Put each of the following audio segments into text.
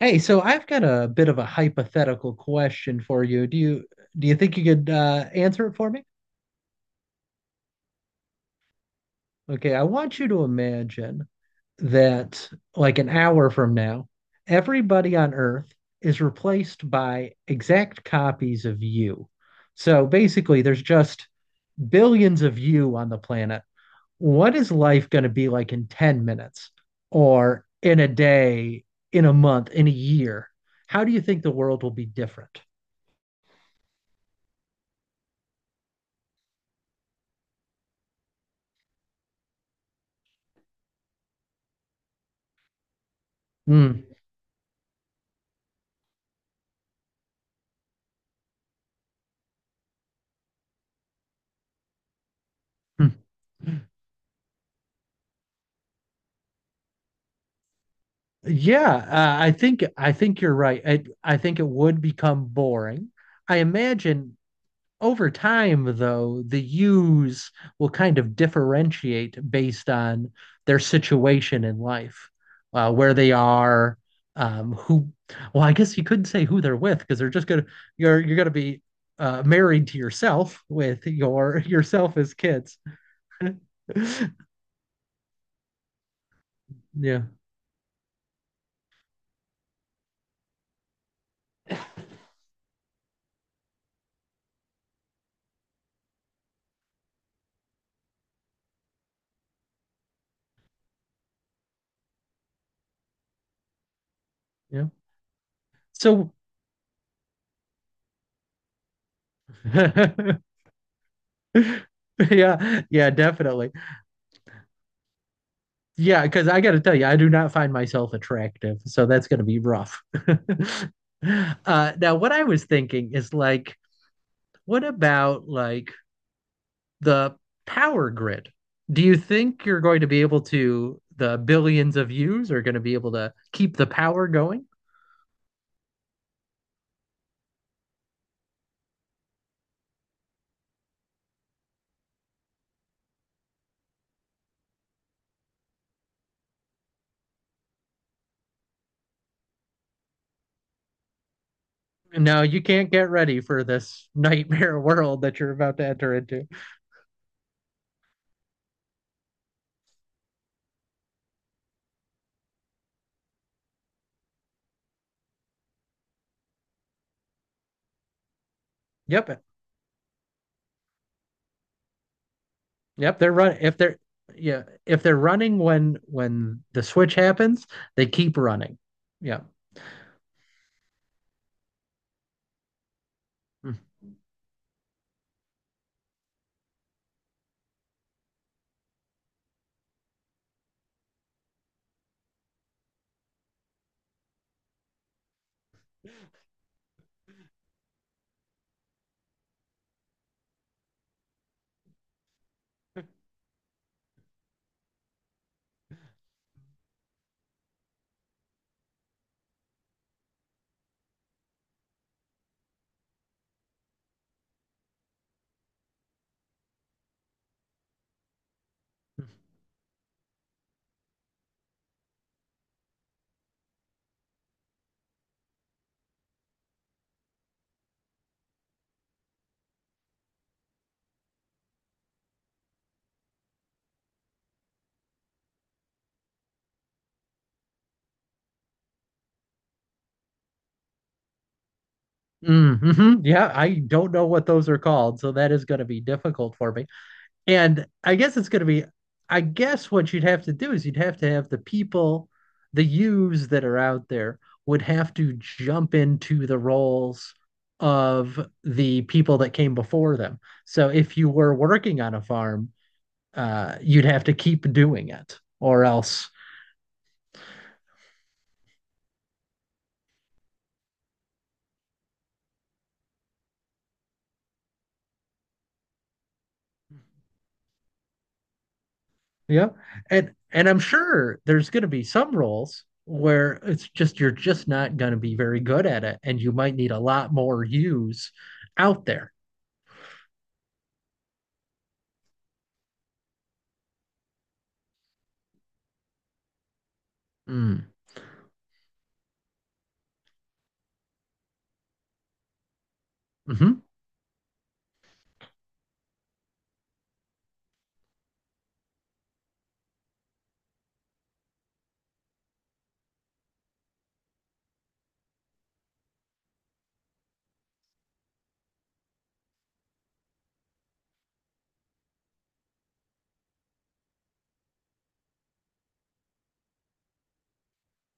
Hey, so I've got a bit of a hypothetical question for you. Do you think you could answer it for me? Okay, I want you to imagine that like an hour from now, everybody on Earth is replaced by exact copies of you. So basically, there's just billions of you on the planet. What is life going to be like in 10 minutes or in a day, in a month, in a year? How do you think the world will be different? Hmm. Hmm. Yeah, I think you're right. I think it would become boring. I imagine over time, though, the U's will kind of differentiate based on their situation in life, where they are, who. Well, I guess you couldn't say who they're with because they're just gonna you're gonna be married to yourself with your yourself as kids. Yeah, yeah. So. Yeah, yeah, definitely. Yeah, because I got to tell you, I do not find myself attractive, so that's going to be rough. Now, what I was thinking is like, what about like the power grid. Do you think you're going to be able to, the billions of views are going to be able to keep the power going? No, you can't get ready for this nightmare world that you're about to enter into. Yep. Yep, they're running. If they're, yeah, if they're running when the switch happens, they keep running. Yeah. Mm-hmm. Yeah, I don't know what those are called, so that is going to be difficult for me. And I guess it's going to be, I guess what you'd have to do is you'd have to have the people, the yous that are out there would have to jump into the roles of the people that came before them. So if you were working on a farm, you'd have to keep doing it or else yeah. You know? And I'm sure there's going to be some roles where it's just you're just not going to be very good at it, and you might need a lot more use out there. Mm. Hmm.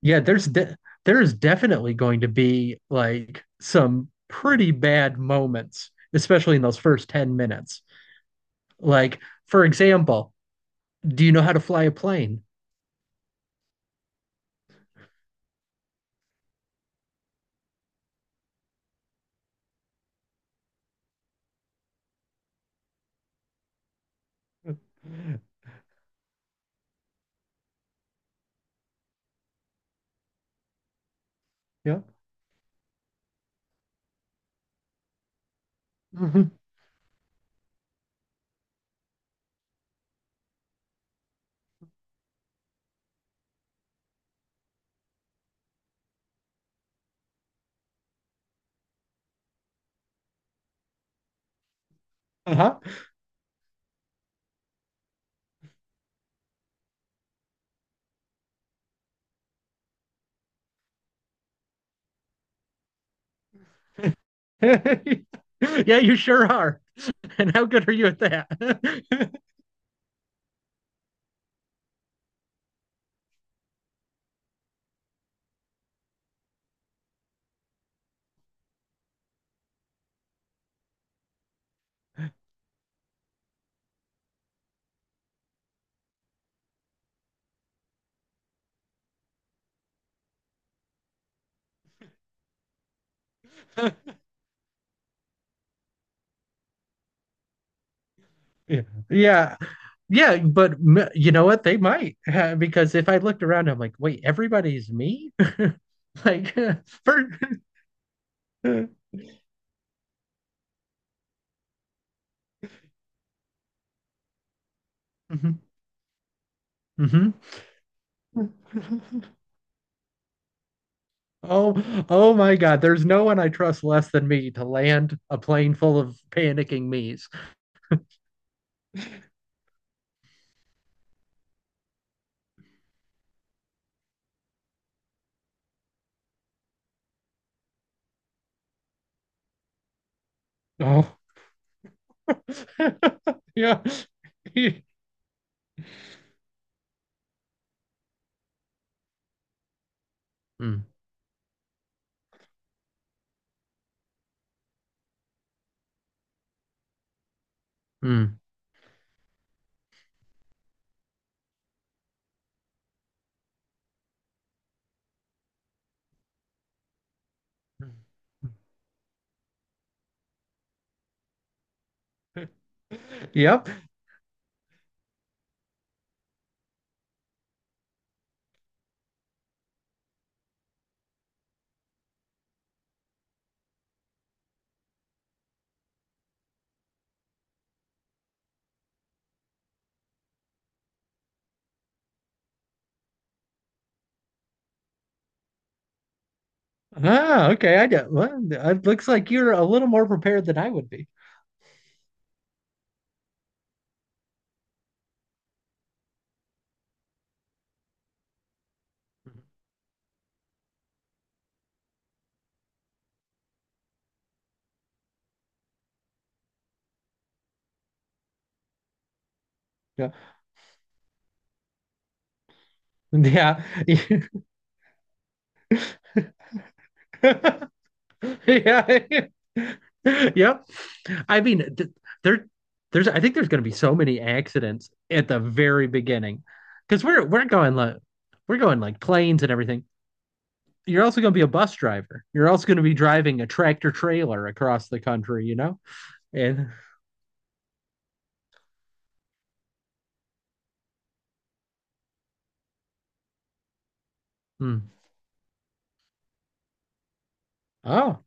Yeah, there's definitely going to be like some pretty bad moments, especially in those first 10 minutes, like, for example, do you know how to fly a plane? Yeah. Mhm. Uh-huh. Yeah, you sure are. And how good are you at that? Yeah. Yeah. Yeah, but you know what? They might because if I looked around, I'm like, wait, everybody's me? Like, for. Mhm. Mhm. Oh, oh my God. There's no one I trust less than me to land a plane full of panicking me's. Oh, yeah. Mm, mm. Yep. Ah, okay. I get. Well, it looks like you're a little more prepared than I would be. Yeah. Yeah. yeah. yep. I mean, there, there's. I think there's going to be so many accidents at the very beginning, because we're going like planes and everything. You're also going to be a bus driver. You're also going to be driving a tractor trailer across the country. You know, and mm. Oh,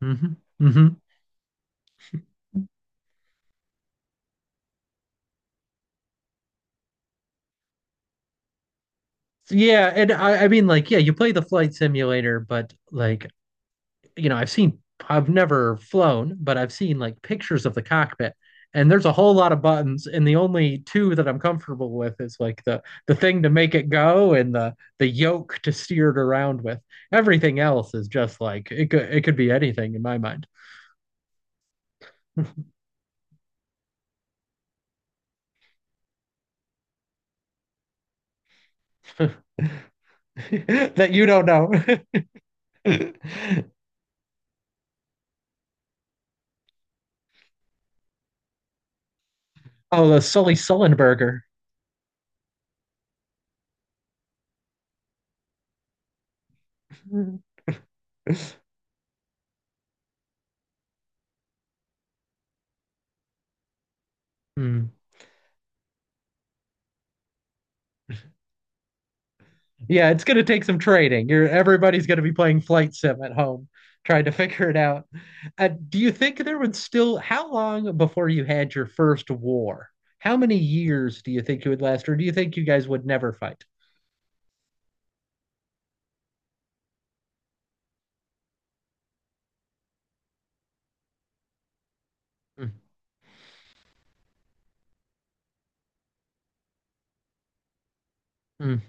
hmm. Hmm. Yeah, I mean, like, yeah, you play the flight simulator, but like, you know, I've never flown, but I've seen like pictures of the cockpit, and there's a whole lot of buttons, and the only two that I'm comfortable with is like the thing to make it go and the yoke to steer it around with. Everything else is just like it could be anything in my mind. That you don't know. Oh, the Sully Sullenberger. Hmm. Yeah, it's going to take some training. You're, everybody's going to be playing flight sim at home, trying to figure it out. Do you think there would still, how long before you had your first war? How many years do you think it would last, or do you think you guys would never fight? Mm, mm,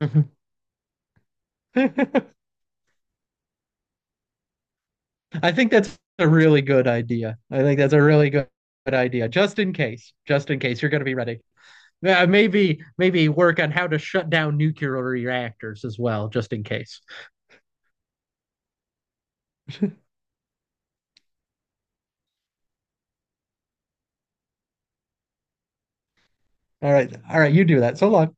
mhm. I think that's a really good idea. I think that's a really good, good idea. Just in case you're going to be ready. Maybe maybe work on how to shut down nuclear reactors as well, just in case. All right, you do that. So long.